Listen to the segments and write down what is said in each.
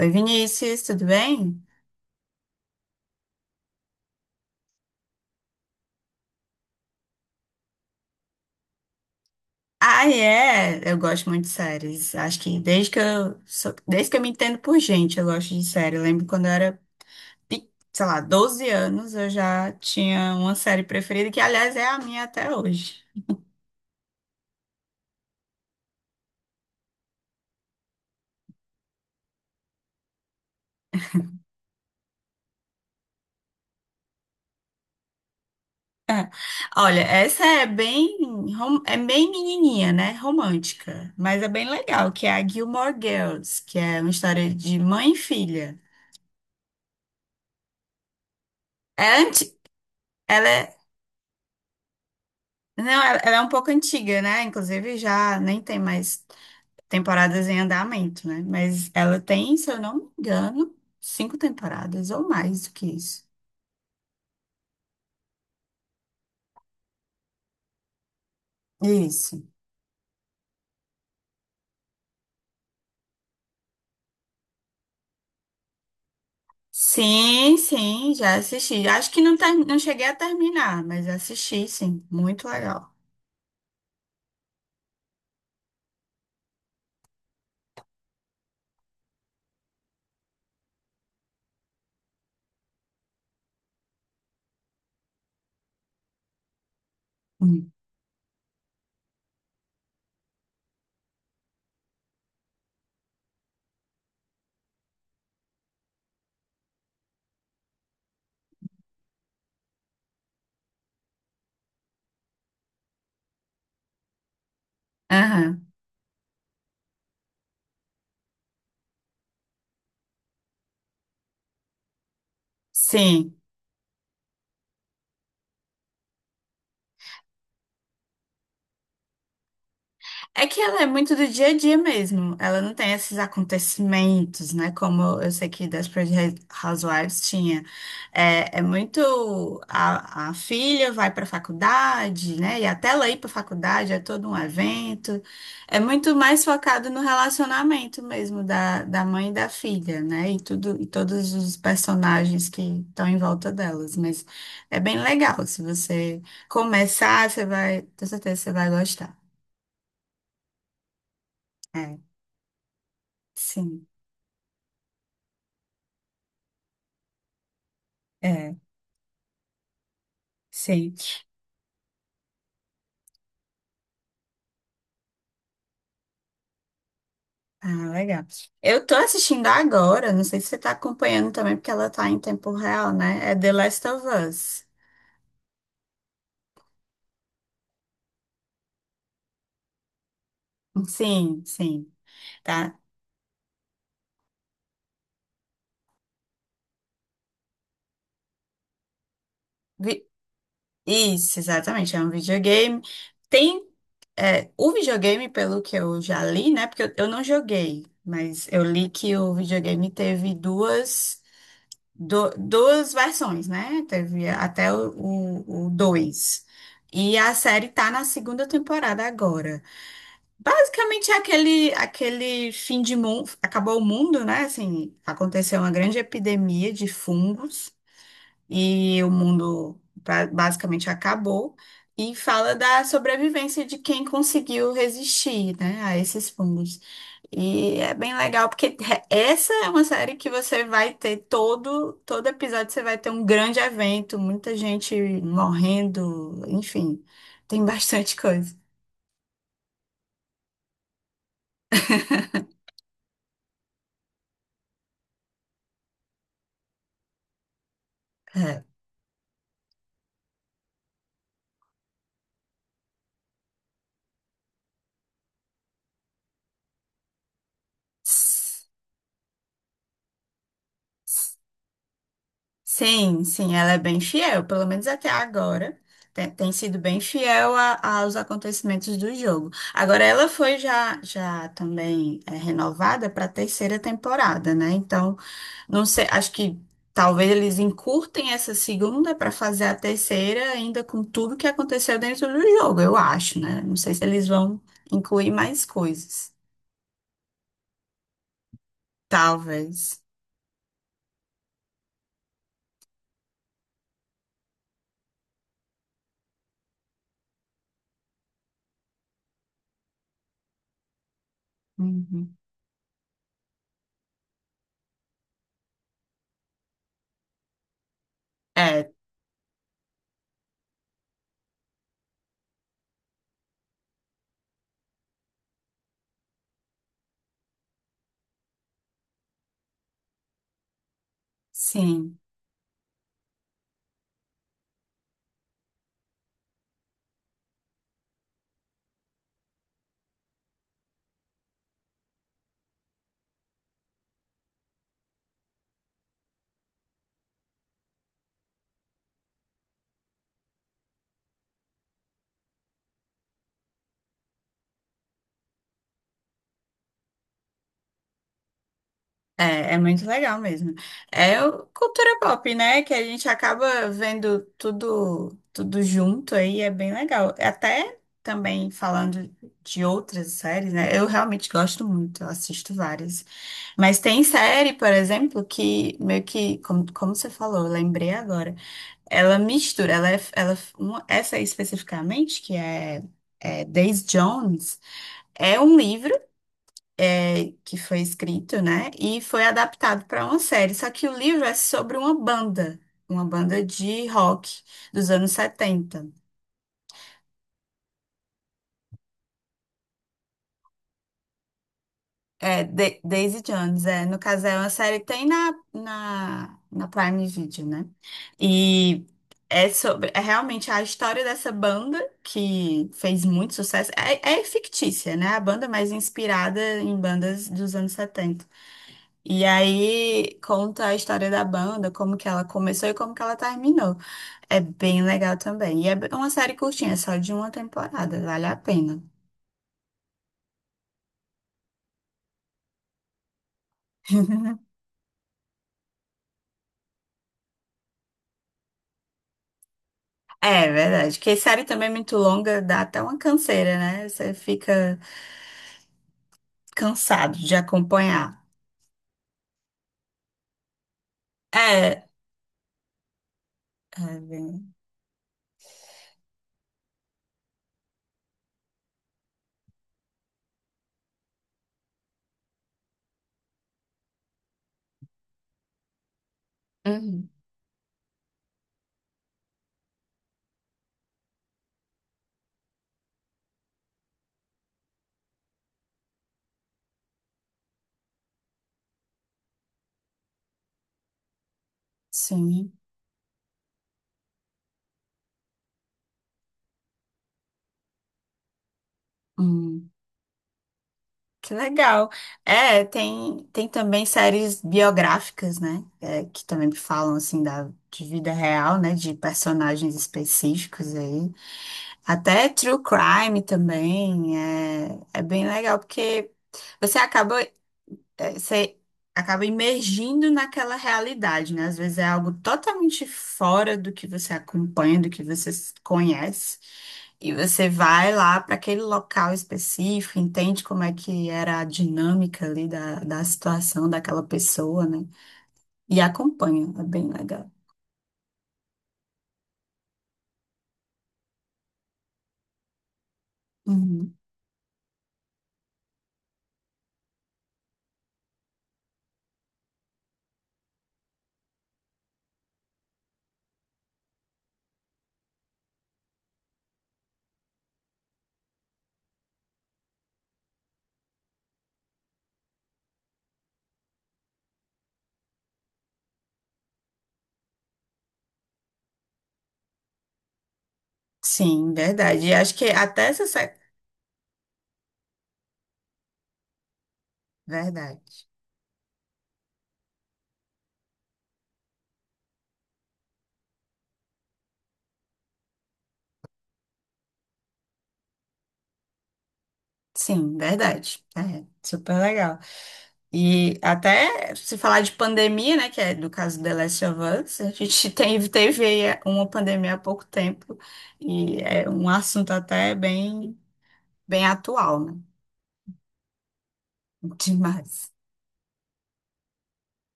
Oi, Vinícius, tudo bem? Ah, é, eu gosto muito de séries. Acho que desde que desde que eu me entendo por gente, eu gosto de série. Eu lembro quando eu era, pe- sei lá, 12 anos, eu já tinha uma série preferida, que aliás é a minha até hoje. Olha, essa é bem, rom- é bem menininha, né? Romântica, mas é bem legal, que é a Gilmore Girls, que é uma história de mãe e filha. É anti... Ela é... Não, ela é um pouco antiga, né? Inclusive já nem tem mais temporadas em andamento, né? Mas ela tem, se eu não me engano, cinco temporadas ou mais do que isso. Isso. Sim, sim, já assisti. Acho que não, não cheguei a terminar, mas assisti, sim. Muito legal. Hum. Aham, sim. É que ela é muito do dia a dia mesmo. Ela não tem esses acontecimentos, né? Como eu sei que Desperate Housewives tinha. É muito. A filha vai para a faculdade, né? E até ela ir para a faculdade é todo um evento. É muito mais focado no relacionamento mesmo da mãe e da filha, né? E tudo, e todos os personagens que estão em volta delas. Mas é bem legal. Se você começar, você vai. Tenho certeza que você vai gostar. É. Sim, é, sei. Ah, legal. Eu tô assistindo agora, não sei se você tá acompanhando também, porque ela tá em tempo real, né? É The Last of Us. Sim, sim, tá. Vi- Isso, exatamente, é um videogame. Tem, o videogame, pelo que eu já li, né? Porque eu não joguei, mas eu li que o videogame teve duas versões, né? Teve até o, dois. E a série tá na segunda temporada agora. Basicamente é aquele, aquele fim de mundo, acabou o mundo, né? Assim, aconteceu uma grande epidemia de fungos e o mundo basicamente acabou, e fala da sobrevivência de quem conseguiu resistir, né, a esses fungos. E é bem legal, porque essa é uma série que você vai ter todo, episódio, você vai ter um grande evento, muita gente morrendo, enfim, tem bastante coisa. É. Sim, sim, ela é bem fiel, pelo menos até agora. Tem sido bem fiel aos acontecimentos do jogo. Agora, ela foi já também renovada para a terceira temporada, né? Então, não sei, acho que talvez eles encurtem essa segunda para fazer a terceira, ainda com tudo que aconteceu dentro do jogo, eu acho, né? Não sei se eles vão incluir mais coisas. Talvez. Uhum. É, sim. É muito legal mesmo. Cultura pop, né? Que a gente acaba vendo tudo, tudo junto aí, é bem legal. Até também falando de outras séries, né? Eu realmente gosto muito, eu assisto várias. Mas tem série, por exemplo, que meio que, como, como você falou, eu lembrei agora, ela mistura, ela, é- ela, uma- essa aí especificamente, que é Days Jones, é um livro é, que foi escrito, né? E foi adaptado para uma série. Só que o livro é sobre uma banda de rock dos anos 70. É, Daisy Jones, é. No caso, é uma série que tem na Prime Video, né? E é sobre, é realmente a história dessa banda que fez muito sucesso. É fictícia, né? A banda é mais inspirada em bandas dos anos 70. E aí conta a história da banda, como que ela começou e como que ela terminou. É bem legal também. E é uma série curtinha, é só de uma temporada, vale a pena. É verdade, porque série também é muito longa, dá até uma canseira, né? Você fica cansado de acompanhar. É, é bem- Uhum. Sim. Hum. Que legal. É, tem também séries biográficas, né? É, que também falam, assim, de vida real, né? De personagens específicos aí. Até True Crime também. É, é bem legal, porque você é, você acaba imergindo naquela realidade, né? Às vezes é algo totalmente fora do que você acompanha, do que você conhece. E você vai lá para aquele local específico, entende como é que era a dinâmica ali da situação daquela pessoa, né? E acompanha, é bem legal. Uhum. Sim, verdade. E acho que até essa... se- Verdade. Sim, verdade. É, super legal. E até se falar de pandemia, né, que é do caso The Last of Us, a gente tem, teve uma pandemia há pouco tempo e é um assunto até bem, bem atual, né? Demais.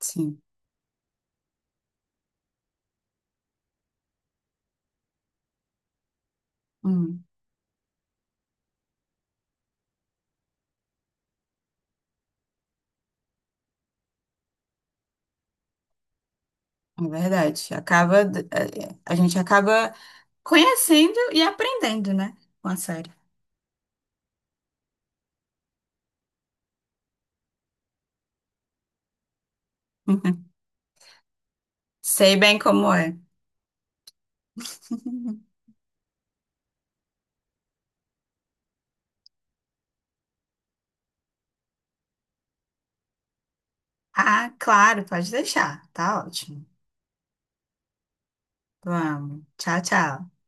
Sim. Hum, é verdade. Acaba, é, a gente acaba conhecendo e aprendendo, né, com a série. Sei bem como é. Ah, claro, pode deixar. Tá ótimo. Vamos. Tchau, tchau.